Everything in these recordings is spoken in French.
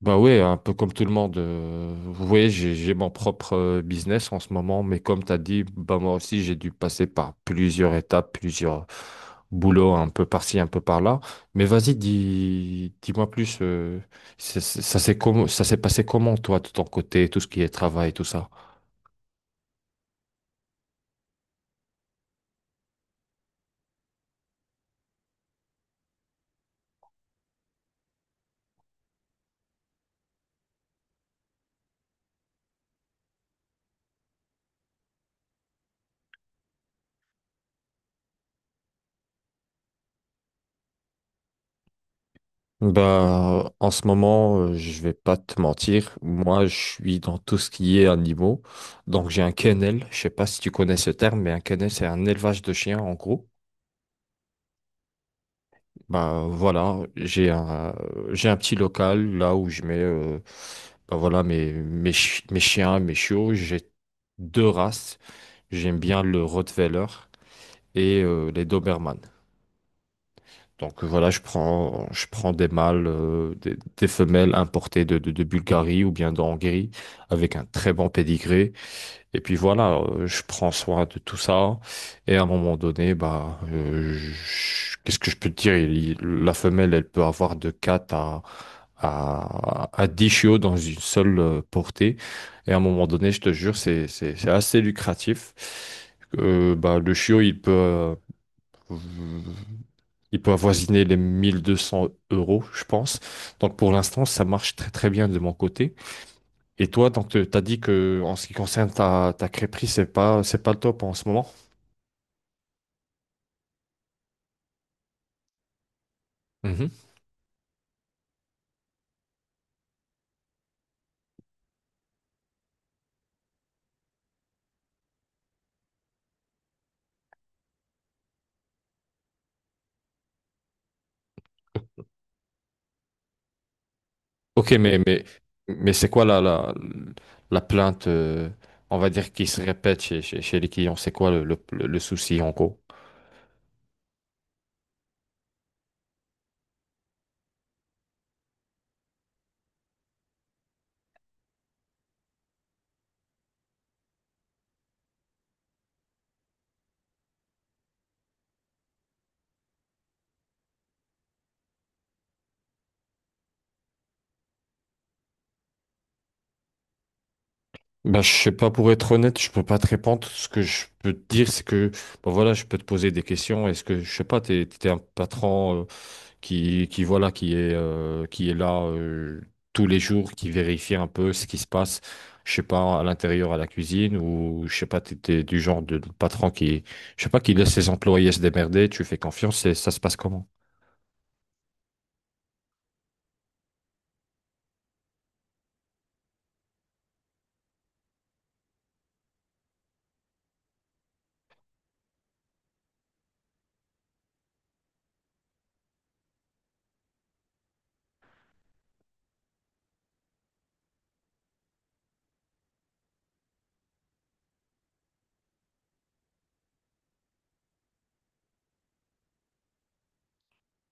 Bah ouais, un peu comme tout le monde. Vous voyez, j'ai mon propre business en ce moment, mais comme tu as dit, bah moi aussi, j'ai dû passer par plusieurs étapes, plusieurs boulots, un peu par-ci, un peu par-là. Mais vas-y, dis-moi plus, ça s'est passé comment, toi, de ton côté, tout ce qui est travail, tout ça? Bah, en ce moment, je vais pas te mentir, moi, je suis dans tout ce qui est animaux. Donc, j'ai un kennel, je sais pas si tu connais ce terme, mais un kennel, c'est un élevage de chiens, en gros. Bah voilà, j'ai un petit local là où je mets bah voilà mes chiens, mes chiots, j'ai deux races. J'aime bien le Rottweiler et les Doberman. Donc voilà, je prends des mâles des femelles importées de Bulgarie ou bien de Hongrie avec un très bon pédigré et puis voilà, je prends soin de tout ça. Et à un moment donné, bah, qu'est-ce que je peux te dire? La femelle, elle peut avoir de 4 à, à 10 chiots dans une seule portée. Et à un moment donné, je te jure, c'est assez lucratif. Bah, le chiot, il peut avoisiner les 1 200 euros, je pense. Donc pour l'instant, ça marche très très bien de mon côté. Et toi, donc, tu as dit que en ce qui concerne ta crêperie, c'est pas le top en ce moment. Mhm. Ok, mais c'est quoi la plainte, on va dire, qui se répète chez les clients? C'est quoi le souci en gros? Ben, je sais pas, pour être honnête, je peux pas te répondre. Ce que je peux te dire, c'est que, ben voilà, je peux te poser des questions. Est-ce que, je sais pas, t'es un patron, qui voilà, qui est là tous les jours, qui vérifie un peu ce qui se passe, je sais pas, à l'intérieur, à la cuisine, ou je sais pas, t'es du genre de patron qui, je sais pas, qui laisse ses employés se démerder, tu fais confiance et ça se passe comment?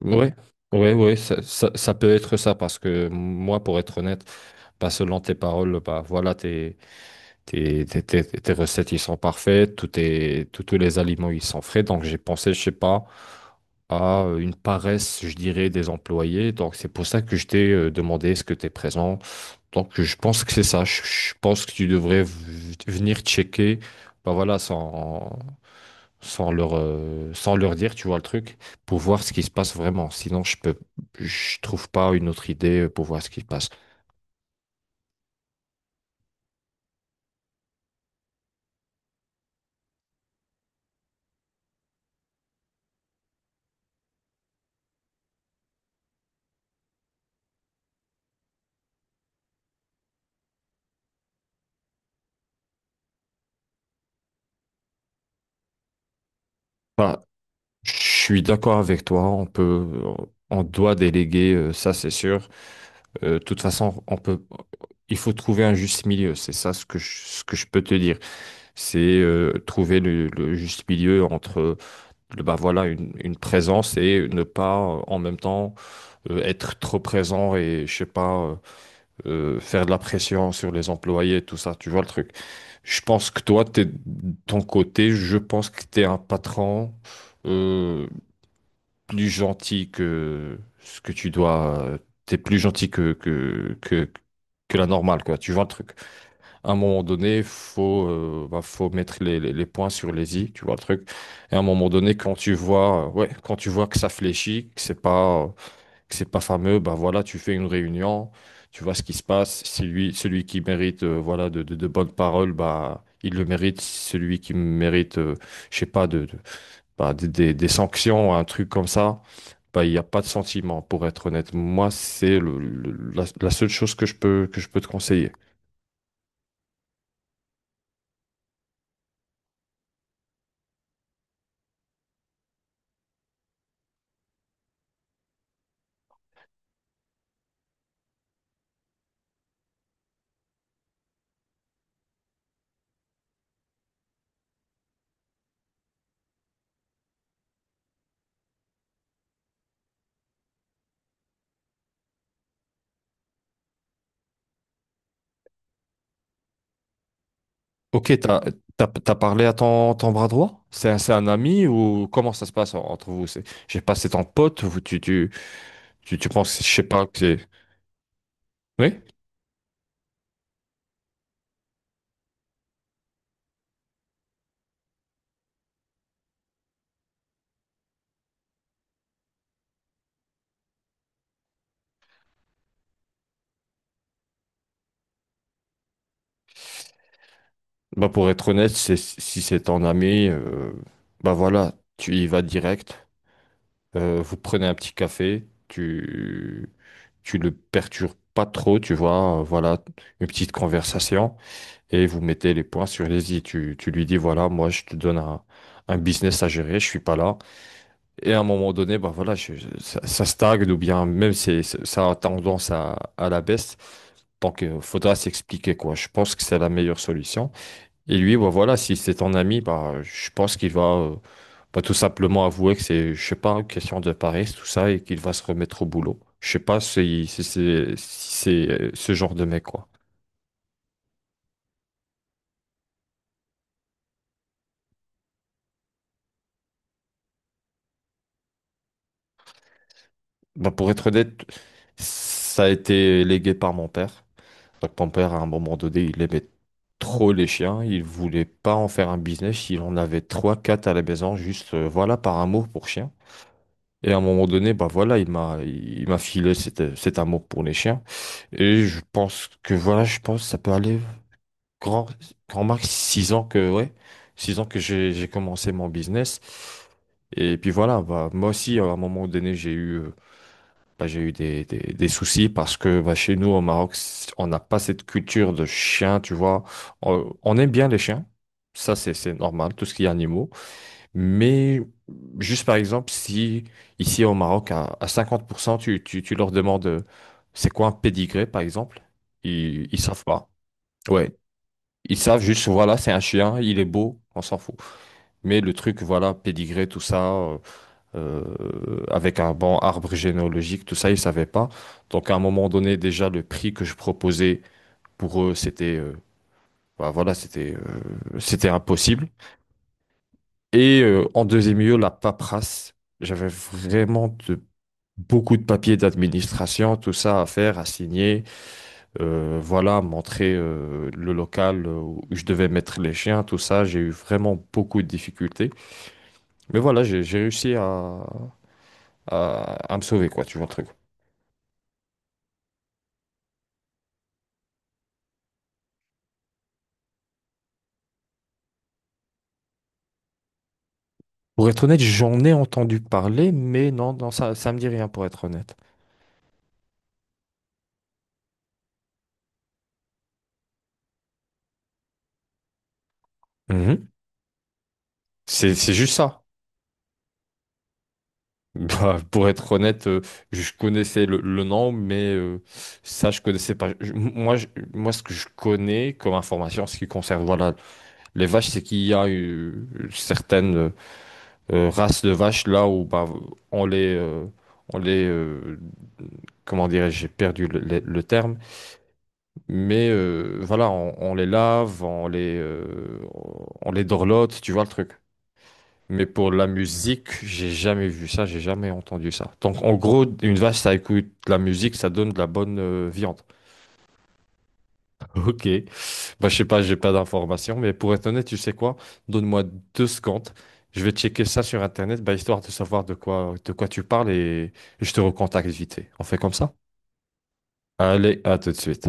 Ouais, ouais, ouais, ça peut être ça, parce que moi, pour être honnête, bah, selon tes paroles, bah voilà, t'es Tes, tes- tes- tes recettes, ils sont parfaites, tous tes- tous tous les aliments, ils sont frais. Donc, j'ai pensé, je sais pas, à une paresse, je dirais, des employés. Donc, c'est pour ça que je t'ai demandé est-ce que tu es présent. Donc, je pense que c'est ça. Je pense que tu devrais venir checker, bah voilà, sans leur dire, tu vois le truc, pour voir ce qui se passe vraiment. Sinon, je trouve pas une autre idée pour voir ce qui se passe. Enfin, je suis d'accord avec toi, on doit déléguer, ça c'est sûr. De toute façon, il faut trouver un juste milieu, c'est ça ce que je peux te dire. C'est trouver le juste milieu entre bah voilà, une présence et ne pas en même temps être trop présent et je sais pas faire de la pression sur les employés, tout ça, tu vois le truc. Je pense que toi, de ton côté, je pense que tu es un patron. Euh, plus gentil que ce que tu dois. T'es plus gentil que la normale, quoi. Tu vois le truc. À un moment donné, bah, faut mettre les points sur les i, tu vois le truc. Et à un moment donné, ouais, quand tu vois que ça fléchit, que c'est pas fameux, bah voilà, tu fais une réunion, tu vois ce qui se passe. C'est lui, celui qui mérite, voilà, de bonnes paroles, bah. Il le mérite. Si celui qui mérite, je sais pas, de bah, des sanctions, un truc comme ça, bah, il n'y a pas de sentiment, pour être honnête. Moi, c'est la seule chose que que je peux te conseiller. Ok, t'as parlé à ton, ton bras droit? C'est un ami ou comment ça se passe entre vous? J'ai passé ton pote ou tu penses, je sais pas, que c'est. Oui? Bah, pour être honnête, si c'est ton ami, bah voilà, tu y vas direct. Vous prenez un petit café. Tu le perturbes pas trop, tu vois, voilà, une petite conversation et vous mettez les points sur les i. Tu lui dis, voilà, moi, je te donne un business à gérer, je suis pas là. Et à un moment donné, bah voilà, ça stagne ou bien même ça a tendance à la baisse. Donc, il faudra s'expliquer, quoi. Je pense que c'est la meilleure solution. Et lui, bah voilà, si c'est ton ami, bah, je pense qu'il va euh, bah, tout simplement avouer que c'est, je sais pas, une question de paresse, tout ça, et qu'il va se remettre au boulot. Je sais pas si c'est, ce genre de mec, quoi. Bah, pour être honnête, ça a été légué par mon père. Donc, mon père, à un moment donné, il aimait trop les chiens. Il voulait pas en faire un business. Il en avait trois, quatre à la maison, juste, voilà, par amour pour chien. Et à un moment donné, bah voilà, il m'a filé cet amour pour les chiens. Et je pense que voilà, je pense que ça peut aller grand, grand max 6 ans que, ouais, 6 ans que j'ai commencé mon business. Et puis voilà, bah, moi aussi, à un moment donné, bah, j'ai eu des soucis parce que bah, chez nous, au Maroc, on n'a pas cette culture de chien, tu vois. On aime bien les chiens. Ça, c'est normal, tout ce qui est animaux. Mais juste par exemple, si ici au Maroc, à 50%, tu leur demandes c'est quoi un pédigré, par exemple, ils savent pas. Ouais. Ils savent juste, voilà, c'est un chien, il est beau, on s'en fout. Mais le truc, voilà, pédigré, tout ça, avec un bon arbre généalogique, tout ça, ils savaient pas. Donc à un moment donné, déjà, le prix que je proposais pour eux, bah, voilà, c'était impossible. Et en deuxième lieu, la paperasse. J'avais vraiment beaucoup de papiers d'administration, tout ça à faire, à signer, voilà, montrer le local où je devais mettre les chiens, tout ça. J'ai eu vraiment beaucoup de difficultés. Mais voilà, j'ai réussi à, à me sauver, quoi, tu vois le truc. Pour être honnête, j'en ai entendu parler, mais non, non, ça me dit rien, pour être honnête. Mhm. C'est juste ça. Bah, pour être honnête, je connaissais le nom, mais ça, je connaissais pas. Ce que je connais comme information, ce qui concerne voilà, les vaches, c'est qu'il y a certaines races de vaches là où bah, on les, euh, on les, euh, comment dirais-je, j'ai perdu le terme, mais voilà, on les lave, on les dorlote, tu vois le truc. Mais pour la musique, j'ai jamais vu ça, j'ai jamais entendu ça. Donc en gros, une vache, ça écoute de la musique, ça donne de la bonne viande. Ok. Bah je sais pas, j'ai pas d'informations, mais pour être honnête, tu sais quoi? Donne-moi 2 secondes. Je vais checker ça sur internet, bah, histoire de savoir de quoi tu parles et je te recontacte vite fait. On fait comme ça? Allez, à tout de suite.